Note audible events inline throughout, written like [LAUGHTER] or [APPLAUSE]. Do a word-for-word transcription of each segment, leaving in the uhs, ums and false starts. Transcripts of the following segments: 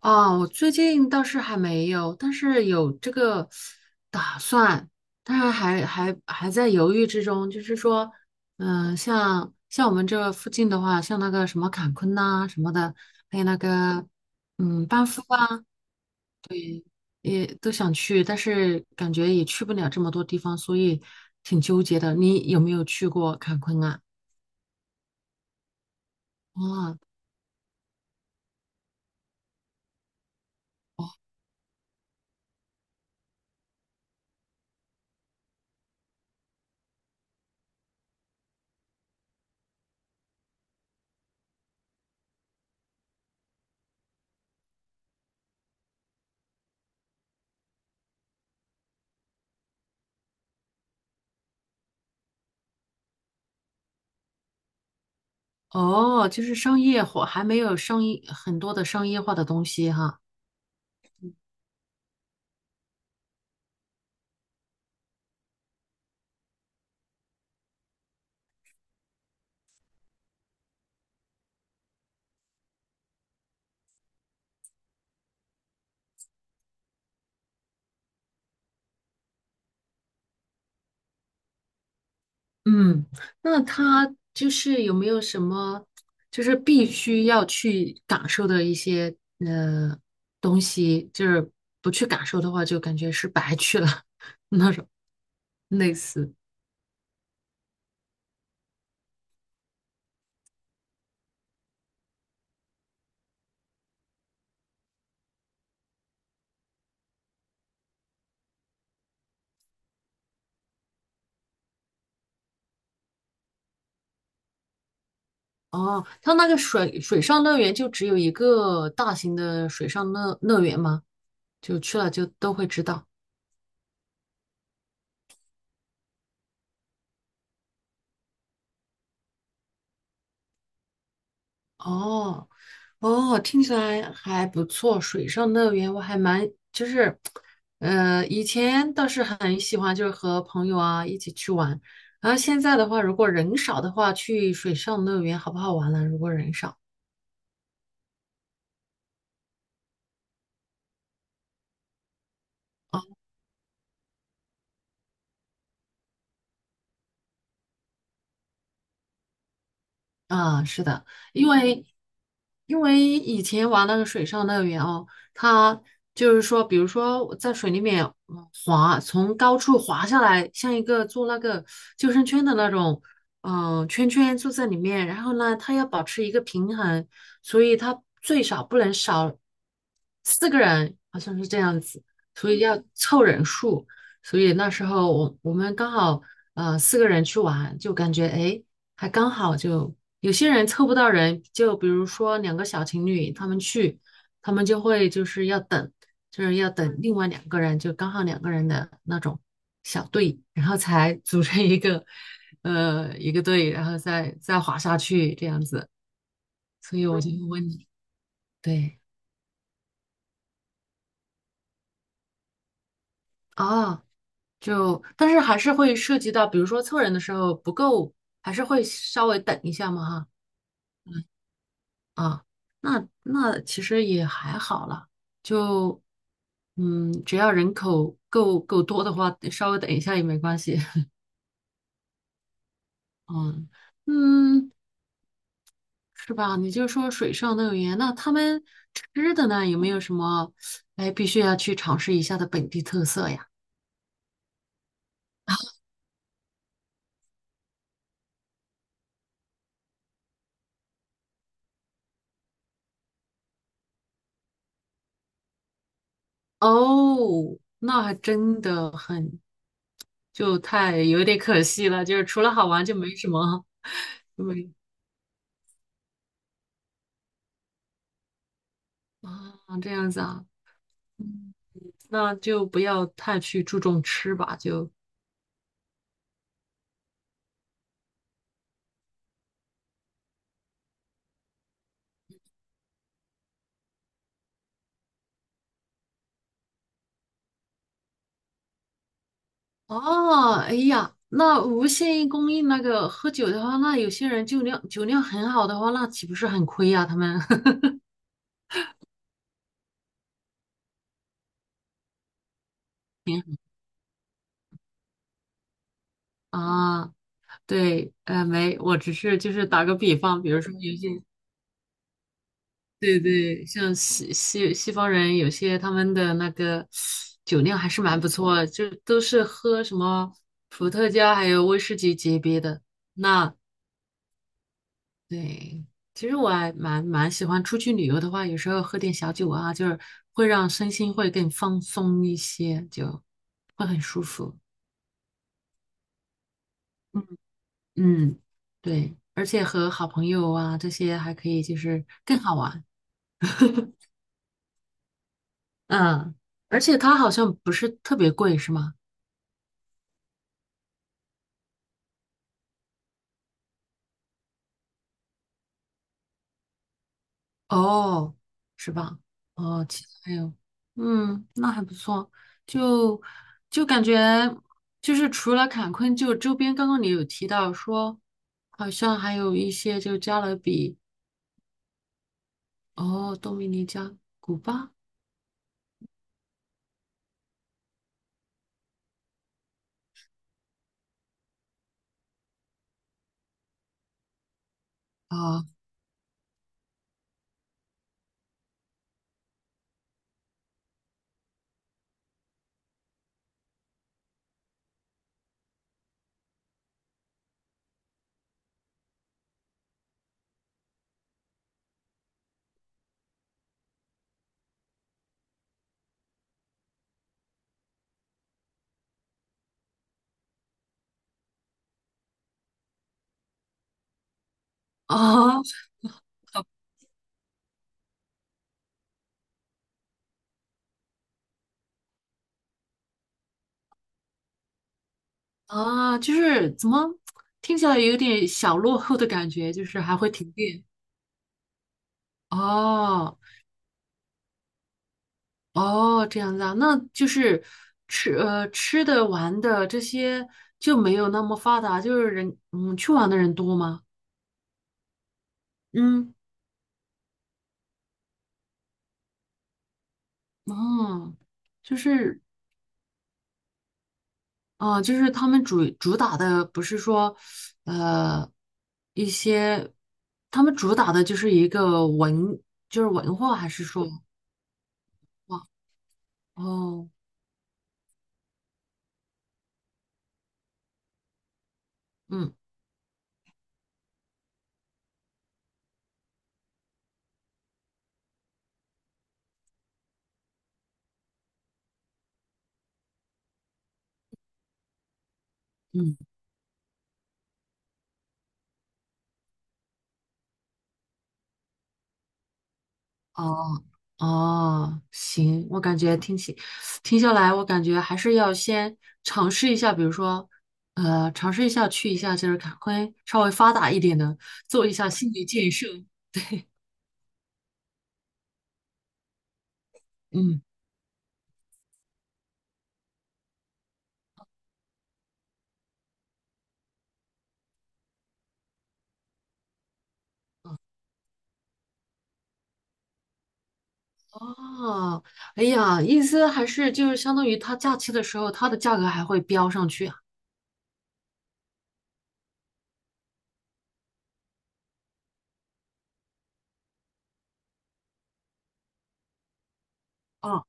哦，我最近倒是还没有，但是有这个打算，当然还还还在犹豫之中。就是说，嗯、像像我们这附近的话，像那个什么坎昆呐、什么的，还有那个嗯班夫啊，也都想去，但是感觉也去不了这么多地方，所以挺纠结的。你有没有去过坎昆啊？哇哦，就是商业化，还没有商业很多的商业化的东西哈。嗯，那他就是有没有什么，就是必须要去感受的一些呃东西，就是不去感受的话，就感觉是白去了，[LAUGHS] 类似。哦，他那个水水上乐园就只有一个大型的水上乐乐园吗？就去了就都会知道。哦，哦，听起来还不错。水上乐园我还蛮就是，呃，以前倒是很喜欢，就是和朋友啊一起去玩。然后现在的话，如果人少的话，去水上乐园好不好玩呢？如果人少。啊。啊，是的，因为因为以前玩那个水上乐园哦，它就是说，比如说我在水里面嗯滑，从高处滑下来，像一个做那个救生圈的那种，嗯、圈圈坐在里面，然后呢，它要保持一个平衡，所以它最少不能少四个人，好像是这样子，所以要凑人数，所以那时候我我们刚好呃四个人去玩，就感觉哎。诶还刚好就有些人凑不到人，就比如说两个小情侣，他们去，他们就会就是要等，就是要等另外两个人，就刚好两个人的那种小队，然后才组成一个呃一个队，然后再再滑下去这样子。所以我就会问你，对啊，就但是还是会涉及到，比如说凑人的时候不够，还是会稍微等一下嘛哈。啊，那那其实也还好了，就嗯，只要人口够够多的话，稍微等一下也没关系。[LAUGHS] 嗯嗯，是吧？你就说水上乐园，那他们吃的呢，有没有什么哎必须要去尝试一下的本地特色呀？哦，那还真的很，就太有点可惜了，就是除了好玩就没什么，[LAUGHS] 就没啊，这样子啊。嗯那就不要太去注重吃吧，就哦，哎呀，那无限供应那个喝酒的话，那有些人酒量酒量很好的话，那岂不是很亏呀、他们 [LAUGHS] 啊，对，呃，没，我只是就是打个比方，比如说有些对对，像西西西方人，有些他们的那个酒量还是蛮不错的，就都是喝什么伏特加还有威士忌级别的。那对，其实我还蛮蛮喜欢出去旅游的话，有时候喝点小酒啊，就是会让身心会更放松一些，就会很舒服。嗯，嗯，对，而且和好朋友啊这些还可以，就是更好玩。[LAUGHS] 嗯，而且它好像不是特别贵，是吗？哦，是吧？哦，其他还有，嗯，那还不错，就就感觉就是除了坎昆，就周边刚刚你有提到说，好像还有一些就加勒比，哦，多米尼加、古巴啊啊啊，就是怎么听起来有点小落后的感觉，就是还会停电哦哦，这样子啊，那就是吃呃吃的玩的这些就没有那么发达，就是人嗯去玩的人多吗？嗯，哦，就是啊、就是他们主主打的不是说呃一些，他们主打的就是一个文，就是文化，还是说哇哦嗯嗯。哦哦，行，我感觉听起听下来，我感觉还是要先尝试一下，比如说，呃，尝试一下去一下就是坎昆稍微发达一点的，做一下心理建设。嗯，哦，哎呀，意思还是就是相当于它假期的时候，它的价格还会飙上去啊。哦，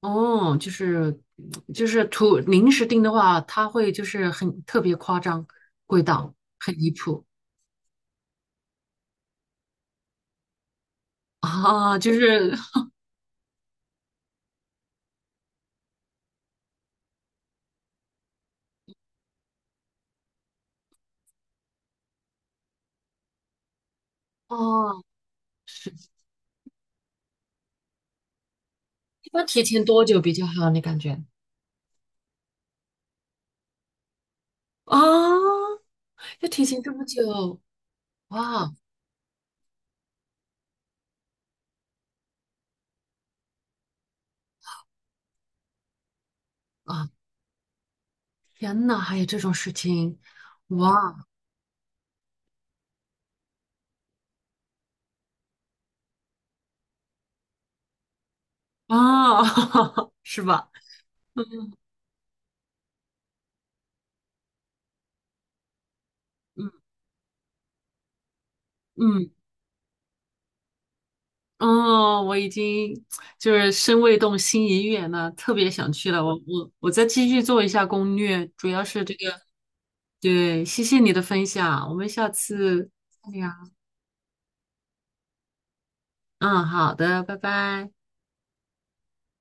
哦，就是就是图临时订的话，它会就是很特别夸张，贵到很离谱啊，就是哦。一般提前多久比较好？你感觉啊，要提前这么久？哇啊，天呐，还有这种事情？哇啊，[LAUGHS] 是吧？嗯嗯，哦，我已经就是身未动，心已远了，特别想去了。我我我再继续做一下攻略，主要是这个。对，谢谢你的分享，我们下次再聊。嗯，好的，拜拜。